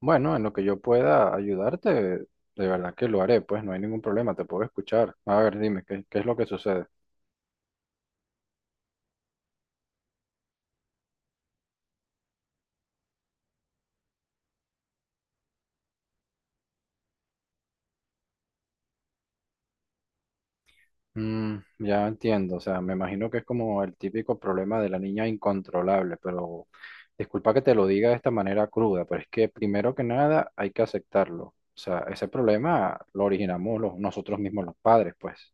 Bueno, en lo que yo pueda ayudarte, de verdad que lo haré, pues no hay ningún problema, te puedo escuchar. A ver, dime, ¿qué es lo que sucede? Mm, ya entiendo, o sea, me imagino que es como el típico problema de la niña incontrolable, pero disculpa que te lo diga de esta manera cruda, pero es que primero que nada hay que aceptarlo. O sea, ese problema lo originamos nosotros mismos los padres, pues.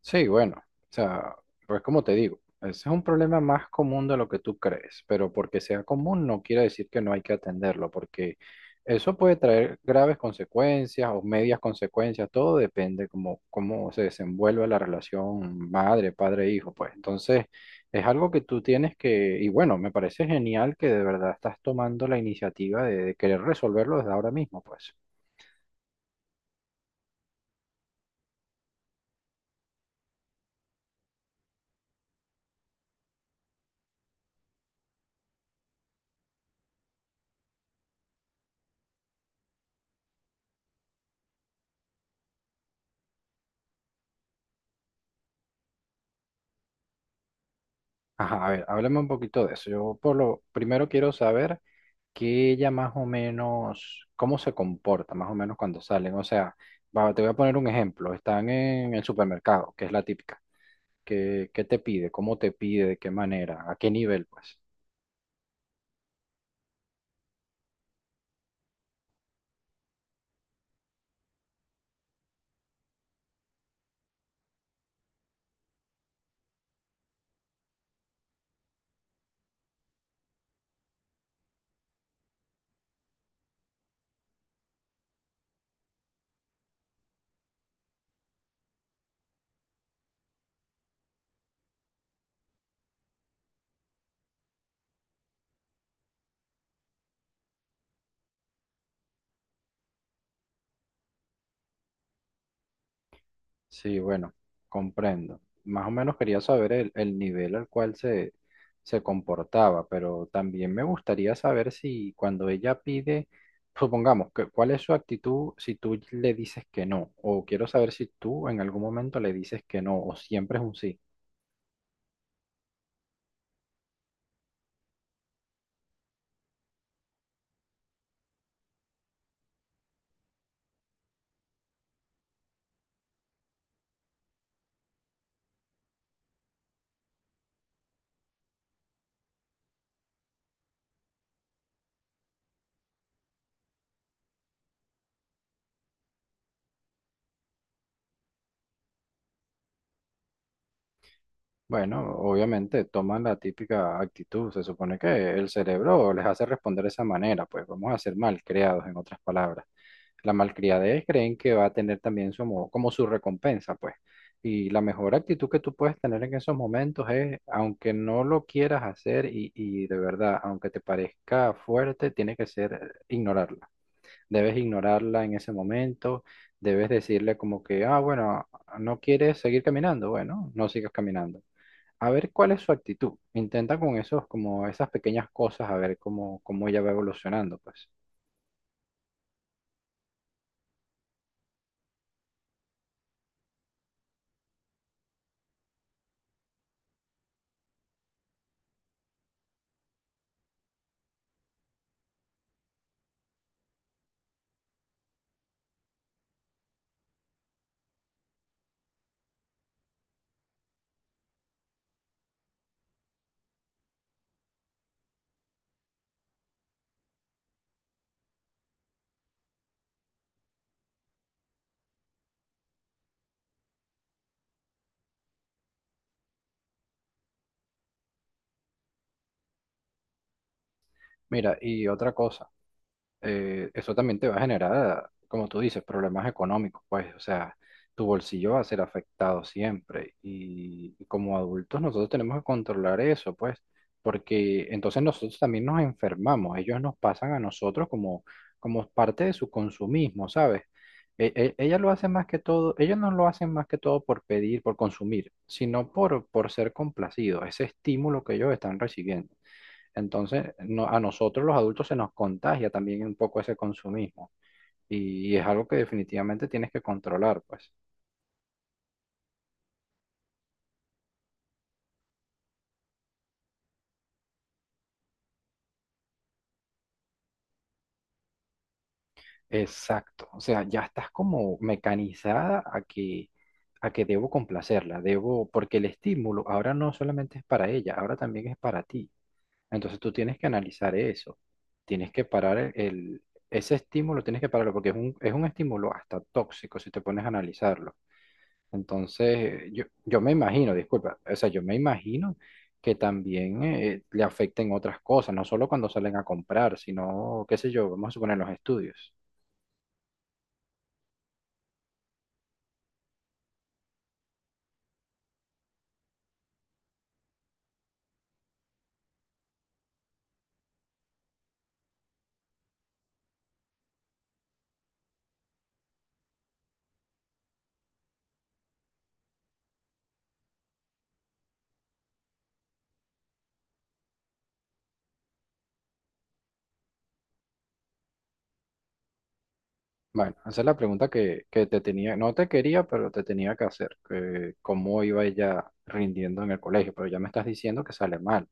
Sí, bueno, o sea, pues como te digo, ese es un problema más común de lo que tú crees, pero porque sea común no quiere decir que no hay que atenderlo, porque eso puede traer graves consecuencias o medias consecuencias, todo depende cómo se desenvuelve la relación madre, padre, hijo, pues. Entonces, es algo que tú tienes que, y bueno, me parece genial que de verdad estás tomando la iniciativa de querer resolverlo desde ahora mismo, pues. Ajá, a ver, háblame un poquito de eso. Yo por lo primero quiero saber que ella más o menos, cómo se comporta más o menos cuando salen. O sea, va, te voy a poner un ejemplo. Están en el supermercado, que es la típica. ¿Qué te pide? ¿Cómo te pide? ¿De qué manera? ¿A qué nivel, pues? Sí, bueno, comprendo. Más o menos quería saber el nivel al cual se comportaba, pero también me gustaría saber si cuando ella pide, supongamos, que, ¿cuál es su actitud si tú le dices que no? O quiero saber si tú en algún momento le dices que no, o siempre es un sí. Bueno, obviamente toman la típica actitud. Se supone que el cerebro les hace responder de esa manera, pues vamos a ser malcriados, en otras palabras. La malcriadez creen que va a tener también su, como su recompensa, pues. Y la mejor actitud que tú puedes tener en esos momentos es, aunque no lo quieras hacer y de verdad, aunque te parezca fuerte, tiene que ser ignorarla. Debes ignorarla en ese momento, debes decirle como que, ah, bueno, no quieres seguir caminando, bueno, no sigas caminando a ver cuál es su actitud. Intenta con esos, como esas pequeñas cosas, a ver cómo ella va evolucionando, pues. Mira, y otra cosa. Eso también te va a generar, como tú dices, problemas económicos, pues, o sea, tu bolsillo va a ser afectado siempre. Y como adultos nosotros tenemos que controlar eso, pues, porque entonces nosotros también nos enfermamos, ellos nos pasan a nosotros como, como parte de su consumismo, ¿sabes? Ellas lo hace más que todo, ellos no lo hacen más que todo por pedir, por consumir, sino por ser complacidos, ese estímulo que ellos están recibiendo. Entonces, a nosotros los adultos se nos contagia también un poco ese consumismo y es algo que definitivamente tienes que controlar, pues. Exacto, o sea, ya estás como mecanizada a que debo complacerla, debo, porque el estímulo ahora no solamente es para ella, ahora también es para ti. Entonces tú tienes que analizar eso, tienes que parar ese estímulo, tienes que pararlo porque es es un estímulo hasta tóxico si te pones a analizarlo. Entonces, yo me imagino, disculpa, o sea, yo me imagino que también le afecten otras cosas, no solo cuando salen a comprar, sino, qué sé yo, vamos a suponer los estudios. Bueno, esa es la pregunta que te tenía, no te quería, pero te tenía que hacer, que cómo iba ella rindiendo en el colegio, pero ya me estás diciendo que sale mal.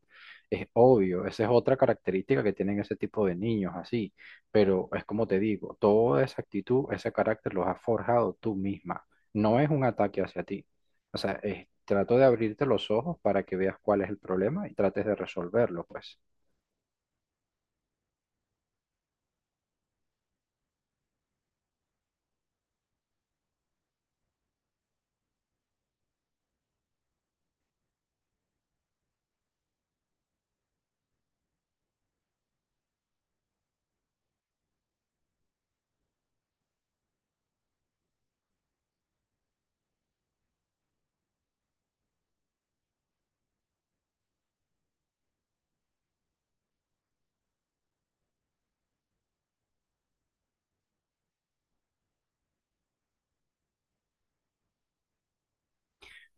Es obvio, esa es otra característica que tienen ese tipo de niños así, pero es como te digo, toda esa actitud, ese carácter los has forjado tú misma, no es un ataque hacia ti. O sea, trato de abrirte los ojos para que veas cuál es el problema y trates de resolverlo, pues.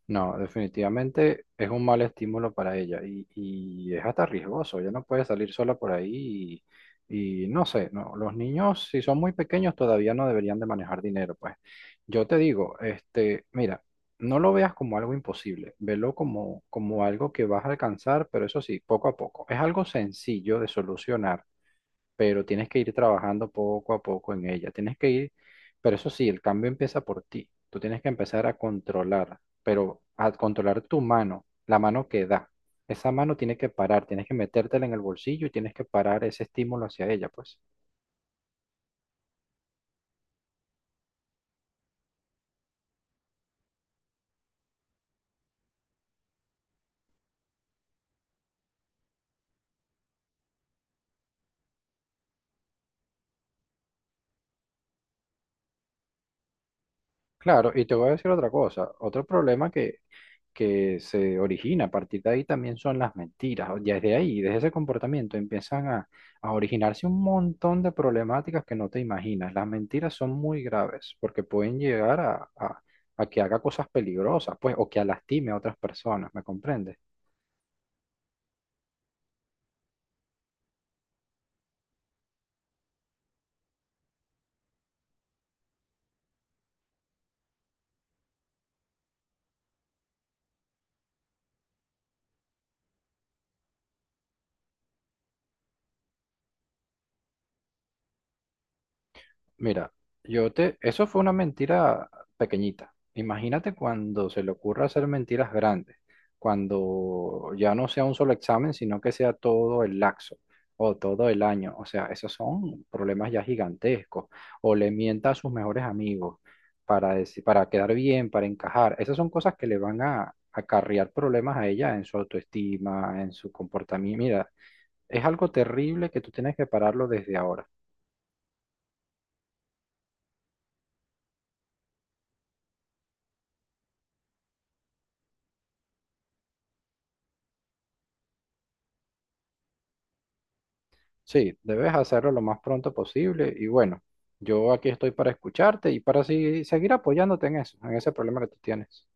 No, definitivamente es un mal estímulo para ella y es hasta riesgoso. Ella no puede salir sola por ahí y no sé, no, los niños si son muy pequeños todavía no deberían de manejar dinero, pues. Yo te digo, este, mira, no lo veas como algo imposible, velo como, como algo que vas a alcanzar, pero eso sí, poco a poco. Es algo sencillo de solucionar, pero tienes que ir trabajando poco a poco en ella. Tienes que ir, pero eso sí, el cambio empieza por ti. Tú tienes que empezar a controlar, pero a controlar tu mano, la mano que da. Esa mano tiene que parar, tienes que metértela en el bolsillo y tienes que parar ese estímulo hacia ella, pues. Claro, y te voy a decir otra cosa, otro problema que se origina a partir de ahí también son las mentiras. Ya desde ahí, desde ese comportamiento, empiezan a originarse un montón de problemáticas que no te imaginas. Las mentiras son muy graves porque pueden llegar a que haga cosas peligrosas, pues, o que lastime a otras personas, ¿me comprendes? Mira, eso fue una mentira pequeñita. Imagínate cuando se le ocurra hacer mentiras grandes, cuando ya no sea un solo examen, sino que sea todo el laxo o todo el año. O sea, esos son problemas ya gigantescos. O le mienta a sus mejores amigos para decir, para quedar bien, para encajar. Esas son cosas que le van a acarrear problemas a ella en su autoestima, en su comportamiento. Mira, es algo terrible que tú tienes que pararlo desde ahora. Sí, debes hacerlo lo más pronto posible y bueno, yo aquí estoy para escucharte y para así seguir apoyándote en eso, en ese problema que tú tienes.